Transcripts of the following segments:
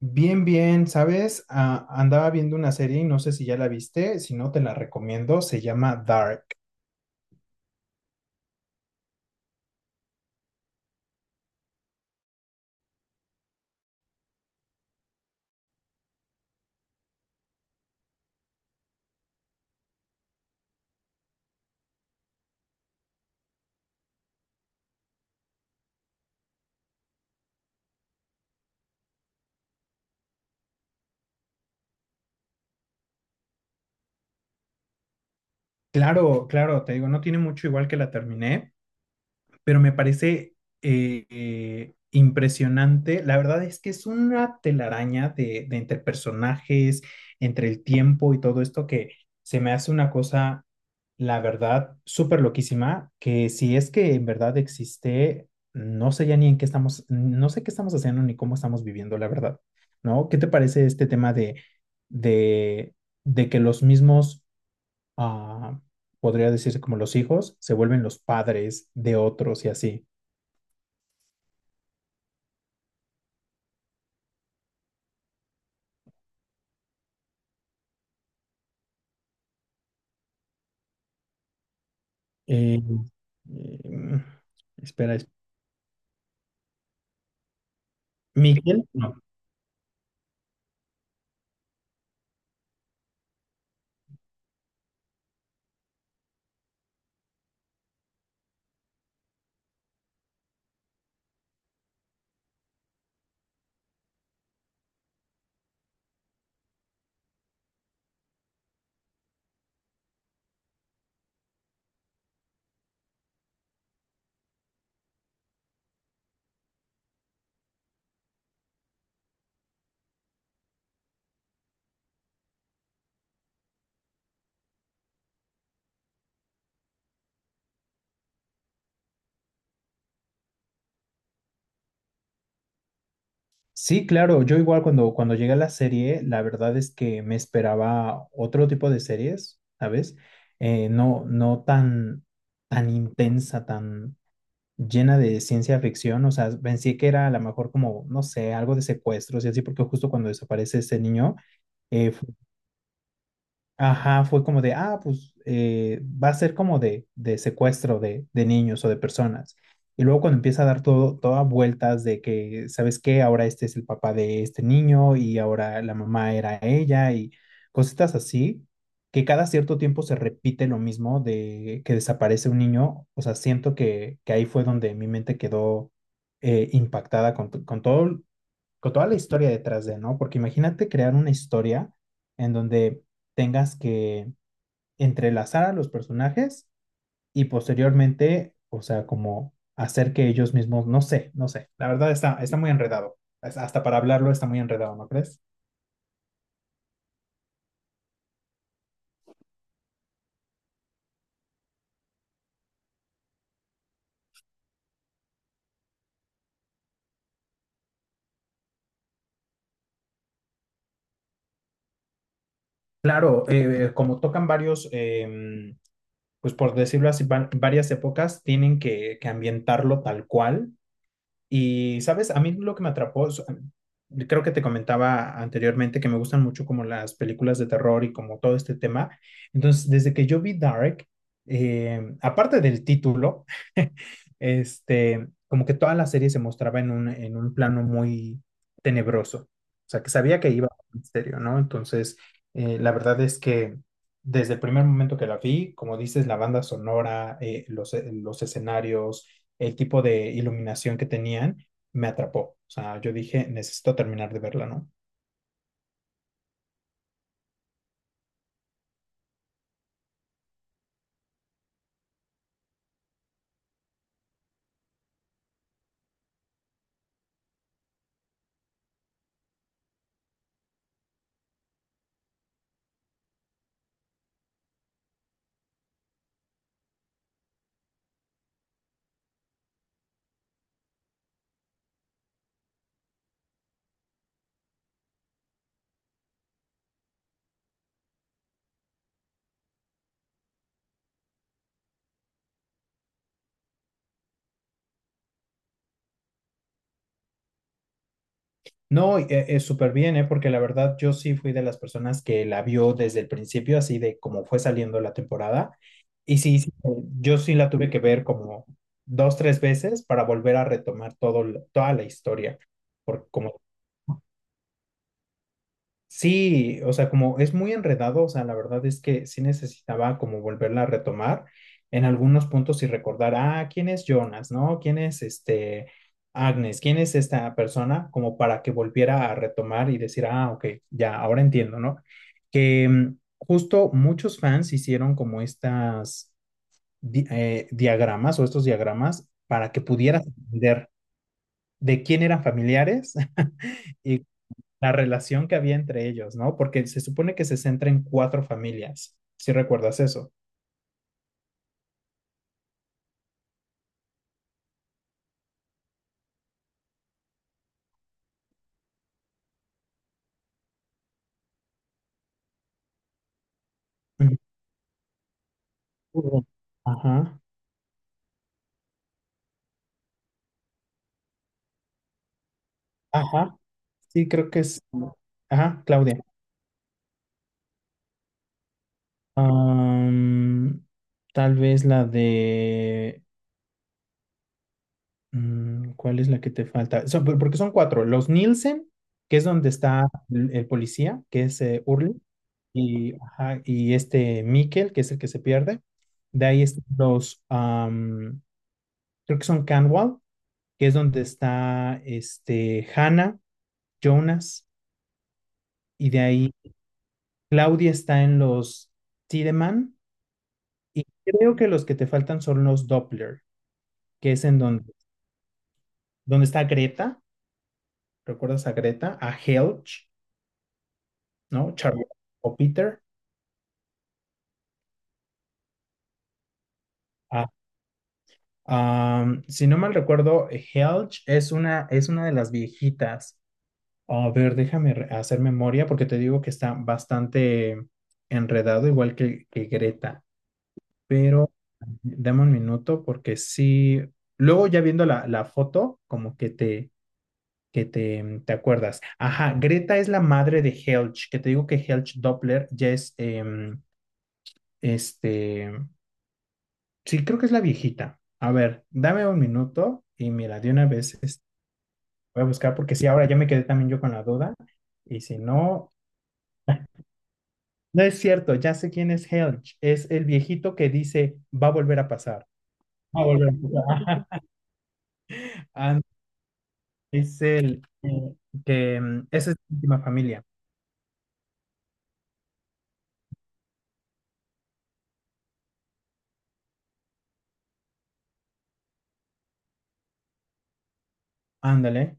Bien, bien, ¿sabes? Ah, andaba viendo una serie y no sé si ya la viste, si no te la recomiendo, se llama Dark. Claro, claro, te digo, no tiene mucho igual que la terminé, pero me parece impresionante. La verdad es que es una telaraña de entre personajes, entre el tiempo y todo esto que se me hace una cosa, la verdad, súper loquísima, que si es que en verdad existe, no sé ya ni en qué estamos, no sé qué estamos haciendo ni cómo estamos viviendo, la verdad, ¿no? ¿Qué te parece este tema de, de que los mismos ah, podría decirse como los hijos, se vuelven los padres de otros y así. Eh, em, espera, Miguel, no. Sí, claro, yo igual cuando llegué a la serie, la verdad es que me esperaba otro tipo de series, ¿sabes? No, tan intensa, tan llena de ciencia ficción, o sea, pensé que era a lo mejor como, no sé, algo de secuestros y así, porque justo cuando desaparece ese niño, eh, ajá, fue como de, ah, pues va a ser como de, secuestro de niños o de personas. Y luego cuando empieza a dar todas vueltas de que, ¿sabes qué? Ahora este es el papá de este niño y ahora la mamá era ella y cositas así, que cada cierto tiempo se repite lo mismo de que desaparece un niño. O sea, siento que ahí fue donde mi mente quedó impactada con todo, con toda la historia detrás de, ¿no? Porque imagínate crear una historia en donde tengas que entrelazar a los personajes y posteriormente, o sea, como hacer que ellos mismos, no sé, la verdad está muy enredado. Hasta para hablarlo está muy enredado, ¿no crees? Claro, como tocan varios, pues por decirlo así, varias épocas, tienen que ambientarlo tal cual. Y, ¿sabes? A mí lo que me atrapó, creo que te comentaba anteriormente que me gustan mucho como las películas de terror y como todo este tema. Entonces, desde que yo vi Dark, aparte del título, este, como que toda la serie se mostraba en un plano muy tenebroso. O sea, que sabía que iba a un misterio, ¿no? Entonces, la verdad es que desde el primer momento que la vi, como dices, la banda sonora, los escenarios, el tipo de iluminación que tenían me atrapó. O sea, yo dije, necesito terminar de verla, ¿no? No, es súper bien, ¿eh? Porque la verdad yo sí fui de las personas que la vio desde el principio, así de como fue saliendo la temporada. Y sí, sí, yo sí la tuve que ver como dos, tres veces para volver a retomar todo, toda la historia. Porque como sí, o sea, como es muy enredado, o sea, la verdad es que sí necesitaba como volverla a retomar en algunos puntos y recordar, ah, ¿quién es Jonas, no? ¿Quién es este Agnes? ¿Quién es esta persona? Como para que volviera a retomar y decir, ah, ok, ya, ahora entiendo, ¿no? Que mm, justo muchos fans hicieron como estas diagramas o estos diagramas para que pudieras entender de quién eran familiares. Y la relación que había entre ellos, ¿no? Porque se supone que se centra en cuatro familias, si recuerdas eso. Ujú. Ajá, ajá, sí, creo que es. Ajá, Claudia. Am, tal vez la de... mm, ¿cuál es la que te falta? Porque son cuatro. Los Nielsen, que es donde está el policía, que es Urli, y, ajá, y este Mikkel, que es el que se pierde. De ahí están los... am, creo que son Canwall, que es donde está este, Hannah, Jonas, y de ahí Claudia está en los Tiedemann, y creo que los que te faltan son los Doppler, que es en donde, donde está Greta, ¿recuerdas a Greta? A Helge, ¿no? Charlotte o Peter. A, um, si no mal recuerdo, Helge es una de las viejitas. A ver, déjame hacer memoria porque te digo que está bastante enredado, igual que Greta. Pero dame un minuto porque sí, luego ya viendo la foto, como te acuerdas. Ajá, Greta es la madre de Helge, que te digo que Helge Doppler ya es, este, sí, creo que es la viejita. A ver, dame un minuto y mira, de una vez este, voy a buscar porque sí, ahora ya me quedé también yo con la duda. Y si no, no es cierto, ya sé quién es Helge, es el viejito que dice, va a volver a pasar. Va a volver a pasar. Ajá. Es el que mm, esa es la última familia. Ándale.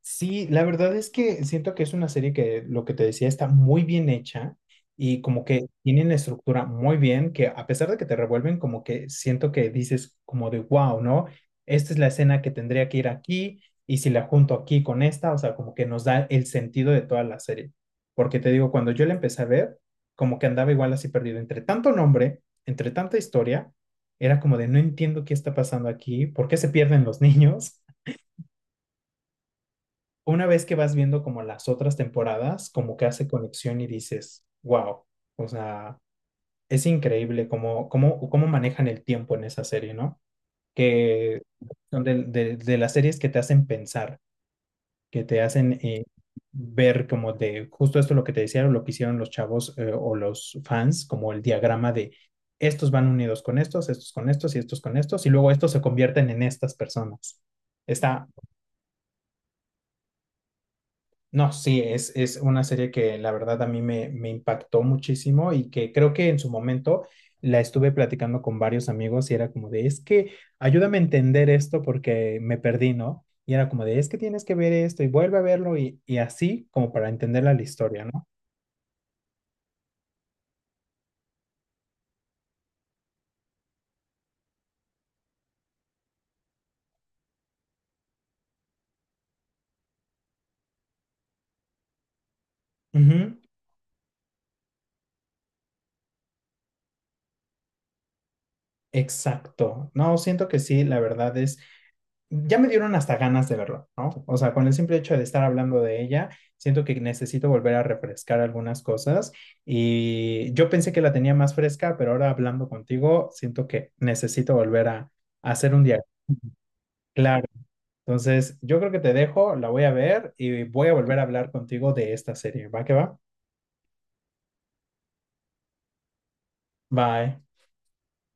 Sí, la verdad es que siento que es una serie que, lo que te decía, está muy bien hecha y como que tienen la estructura muy bien, que a pesar de que te revuelven, como que siento que dices como de, wow, ¿no? Esta es la escena que tendría que ir aquí y si la junto aquí con esta, o sea, como que nos da el sentido de toda la serie. Porque te digo, cuando yo la empecé a ver, como que andaba igual así perdido, entre tanto nombre, entre tanta historia, era como de, no entiendo qué está pasando aquí, ¿por qué se pierden los niños? Una vez que vas viendo como las otras temporadas, como que hace conexión y dices, wow, o sea, es increíble cómo manejan el tiempo en esa serie, ¿no? Que son de las series que te hacen pensar, que te hacen ver como de justo esto lo que te decían o lo que hicieron los chavos o los fans, como el diagrama de estos van unidos con estos, estos con estos y estos con estos, y luego estos se convierten en estas personas. Está no, sí, es una serie que la verdad a me impactó muchísimo y que creo que en su momento la estuve platicando con varios amigos y era como de, es que ayúdame a entender esto porque me perdí, ¿no? Y era como de, es que tienes que ver esto y vuelve a verlo y así como para entender la historia, ¿no? Ujú, exacto. No, siento que sí, la verdad es ya me dieron hasta ganas de verlo, ¿no? O sea, con el simple hecho de estar hablando de ella, siento que necesito volver a refrescar algunas cosas y yo pensé que la tenía más fresca, pero ahora hablando contigo, siento que necesito volver a hacer un día claro. Entonces, yo creo que te dejo, la voy a ver y voy a volver a hablar contigo de esta serie. ¿Va que va? Bye.